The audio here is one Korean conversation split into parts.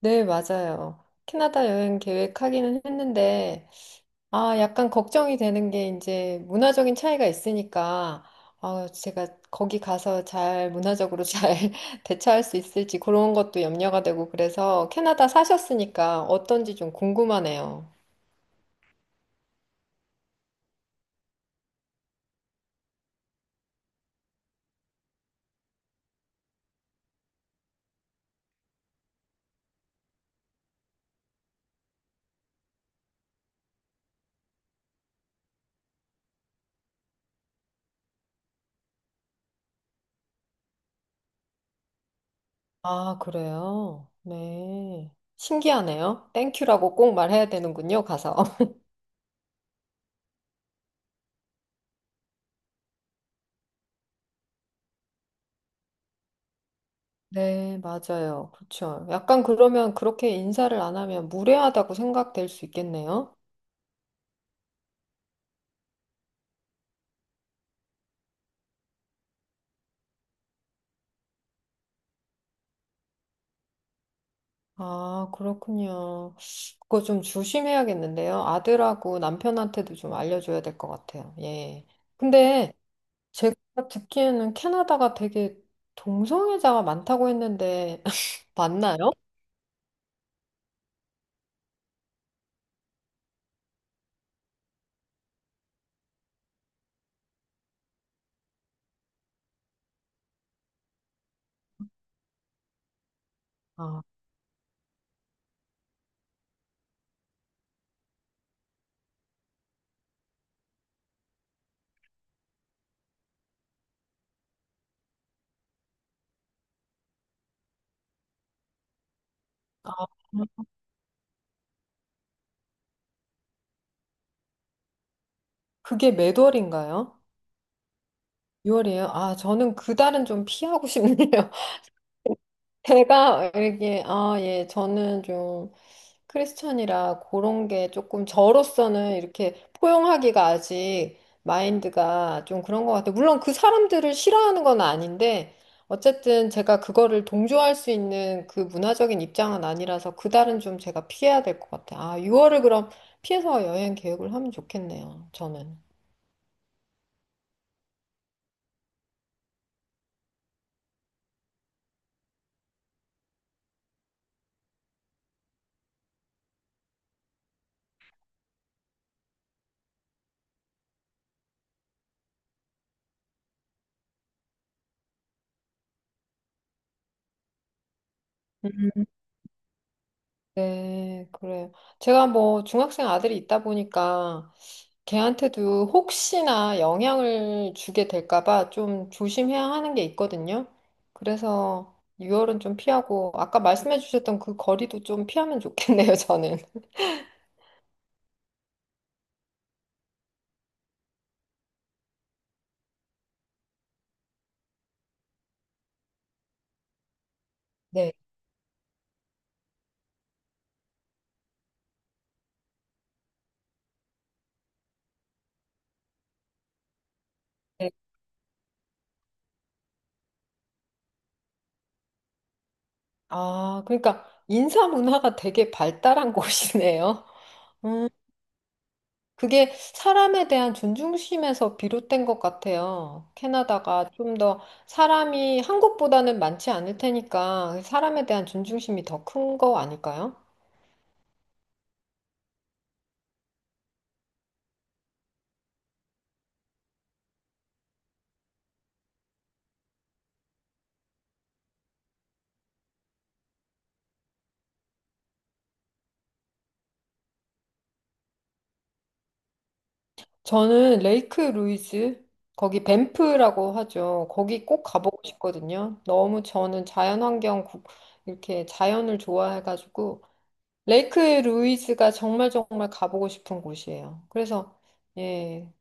네, 맞아요. 캐나다 여행 계획하기는 했는데, 아, 약간 걱정이 되는 게 이제 문화적인 차이가 있으니까, 아, 제가 거기 가서 잘 문화적으로 잘 대처할 수 있을지 그런 것도 염려가 되고, 그래서 캐나다 사셨으니까 어떤지 좀 궁금하네요. 아, 그래요? 네. 신기하네요. 땡큐라고 꼭 말해야 되는군요, 가서. 네, 맞아요. 그렇죠. 약간 그러면 그렇게 인사를 안 하면 무례하다고 생각될 수 있겠네요. 아, 그렇군요. 그거 좀 조심해야겠는데요. 아들하고 남편한테도 좀 알려줘야 될 것 같아요. 예. 근데 제가 듣기에는 캐나다가 되게 동성애자가 많다고 했는데, 맞나요? 아, 그게 몇 월인가요? 6월이에요? 아, 저는 그달은 좀 피하고 싶네요. 제가 알기에, 아, 예, 저는 좀 크리스찬이라 그런 게 조금 저로서는 이렇게 포용하기가 아직 마인드가 좀 그런 것 같아요. 물론 그 사람들을 싫어하는 건 아닌데, 어쨌든 제가 그거를 동조할 수 있는 그 문화적인 입장은 아니라서 그달은 좀 제가 피해야 될 것 같아요. 아, 6월을 그럼 피해서 여행 계획을 하면 좋겠네요, 저는. 네, 그래요. 제가 뭐 중학생 아들이 있다 보니까 걔한테도 혹시나 영향을 주게 될까 봐 좀 조심해야 하는 게 있거든요. 그래서 유월은 좀 피하고 아까 말씀해 주셨던 그 거리도 좀 피하면 좋겠네요, 저는. 네. 네. 아, 그러니까 인사 문화가 되게 발달한 곳이네요. 음. 그게 사람에 대한 존중심에서 비롯된 것 같아요. 캐나다가 좀 더 사람이 한국보다는 많지 않을 테니까 사람에 대한 존중심이 더 큰 거 아닐까요? 저는 레이크 루이즈, 거기 밴프라고 하죠. 거기 꼭 가보고 싶거든요. 너무 저는 자연환경, 이렇게 자연을 좋아해가지고 레이크 루이즈가 정말 정말 가보고 싶은 곳이에요. 그래서 예,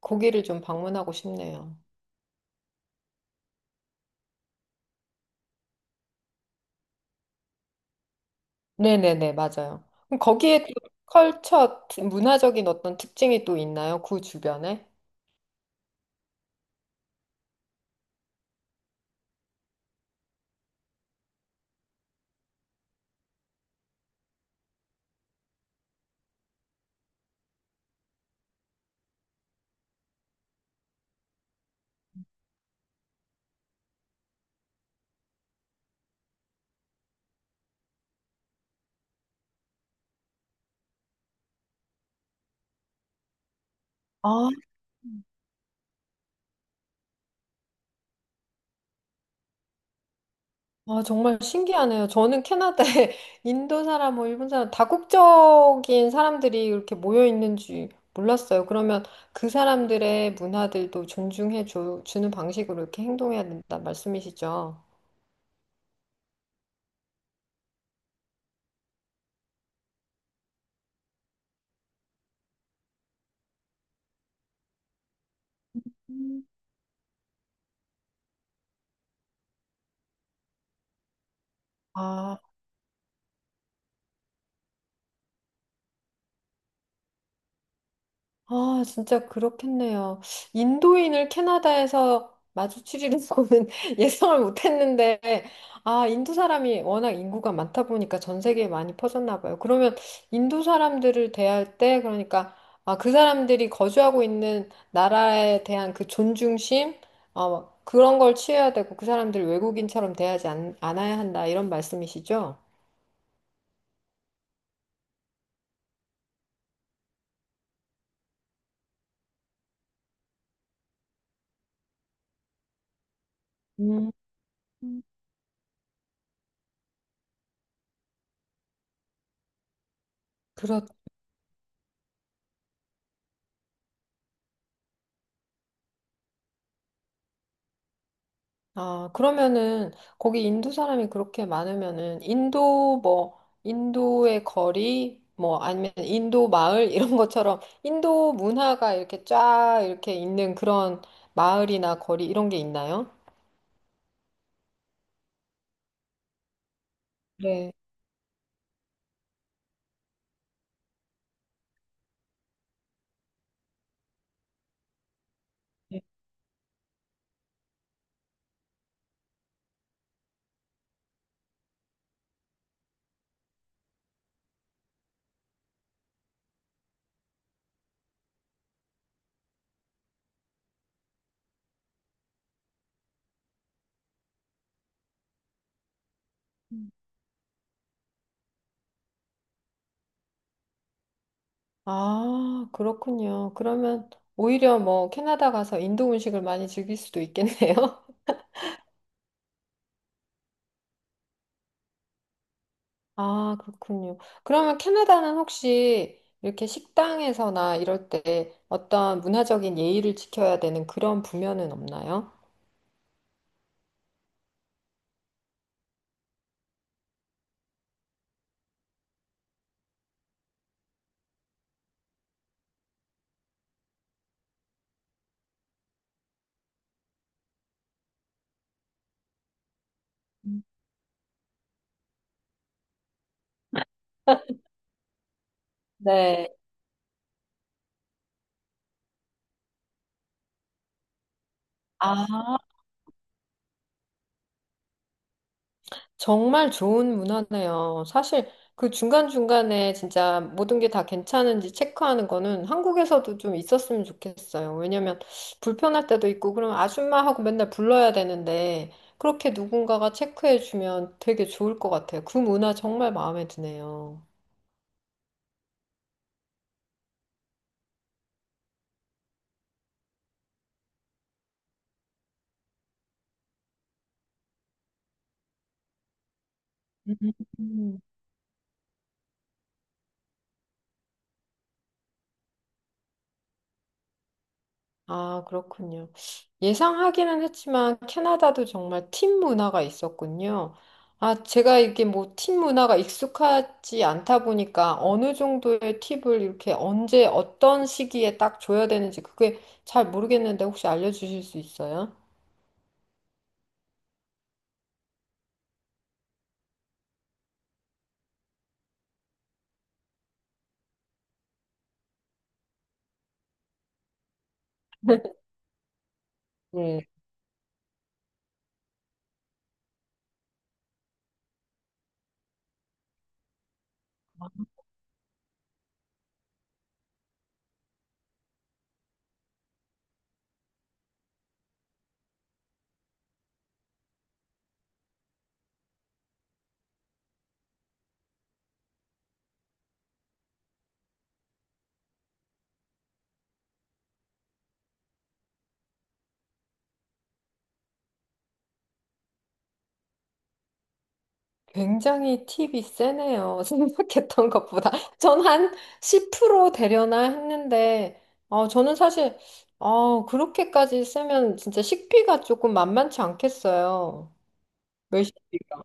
거기를 좀 방문하고 싶네요. 네네네, 맞아요. 그럼 거기에 또 컬처, 문화적인 어떤 특징이 또 있나요? 그 주변에? 아, 아, 정말 신기하네요. 저는 캐나다에 인도 사람, 뭐 일본 사람, 다국적인 사람들이 이렇게 모여 있는지 몰랐어요. 그러면 그 사람들의 문화들도 존중해 주는 방식으로 이렇게 행동해야 된다 말씀이시죠? 음. 아. 아, 진짜 그렇겠네요. 인도인을 캐나다에서 마주치리는 거는 예상을 못했는데, 아, 인도 사람이 워낙 인구가 많다 보니까 전 세계에 많이 퍼졌나 봐요. 그러면 인도 사람들을 대할 때, 그러니까, 아, 그 사람들이 거주하고 있는 나라에 대한 그 존중심, 그런 걸 취해야 되고, 그 사람들 외국인처럼 대하지 않아야 한다, 이런 말씀이시죠? 음. 아, 그러면은 거기 인도 사람이 그렇게 많으면은 인도 뭐 인도의 거리 뭐 아니면 인도 마을 이런 것처럼 인도 문화가 이렇게 쫙 이렇게 있는 그런 마을이나 거리 이런 게 있나요? 네. 네. 아, 그렇군요. 그러면 오히려 뭐 캐나다 가서 인도 음식을 많이 즐길 수도 있겠네요. 아, 그렇군요. 그러면 캐나다는 혹시 이렇게 식당에서나 이럴 때 어떤 문화적인 예의를 지켜야 되는 그런 부면은 없나요? 네. 아, 정말 좋은 문화네요. 사실 그 중간중간에 진짜 모든 게 다 괜찮은지 체크하는 거는 한국에서도 좀 있었으면 좋겠어요. 왜냐면 불편할 때도 있고, 그럼 아줌마하고 맨날 불러야 되는데, 그렇게 누군가가 체크해주면 되게 좋을 것 같아요. 그 문화 정말 마음에 드네요. 음. 아, 그렇군요. 예상하기는 했지만 캐나다도 정말 팀 문화가 있었군요. 아, 제가 이게 뭐 팀 문화가 익숙하지 않다 보니까 어느 정도의 팁을 이렇게 언제 어떤 시기에 딱 줘야 되는지 그게 잘 모르겠는데 혹시 알려주실 수 있어요? 네. 굉장히 팁이 세네요. 생각했던 것보다. 전 한 10% 되려나 했는데, 어, 저는 사실, 그렇게까지 쓰면 진짜 식비가 조금 만만치 않겠어요. 외식비가.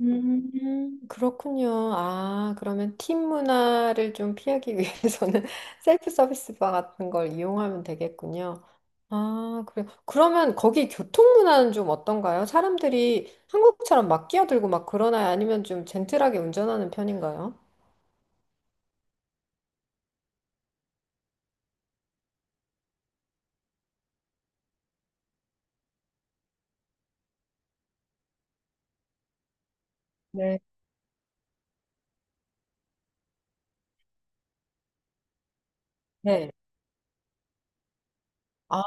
그렇군요. 아, 그러면 팀 문화를 좀 피하기 위해서는 셀프 서비스 바 같은 걸 이용하면 되겠군요. 아, 그래요. 그러면 거기 교통 문화는 좀 어떤가요? 사람들이 한국처럼 막 끼어들고 막 그러나요? 아니면 좀 젠틀하게 운전하는 편인가요? 네. 네. 아,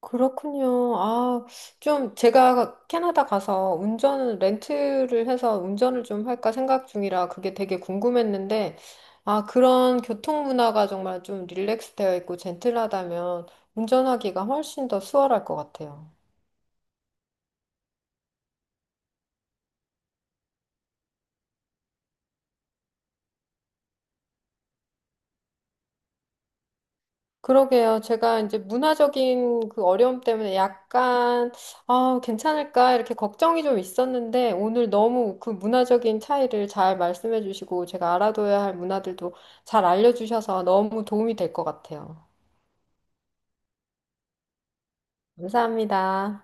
그렇군요. 아, 좀 제가 캐나다 가서 운전을 렌트를 해서 운전을 좀 할까 생각 중이라 그게 되게 궁금했는데, 아, 그런 교통 문화가 정말 좀 릴렉스되어 있고 젠틀하다면 운전하기가 훨씬 더 수월할 것 같아요. 그러게요. 제가 이제 문화적인 그 어려움 때문에 약간, 아, 괜찮을까? 이렇게 걱정이 좀 있었는데, 오늘 너무 그 문화적인 차이를 잘 말씀해 주시고, 제가 알아둬야 할 문화들도 잘 알려주셔서 너무 도움이 될 것 같아요. 감사합니다.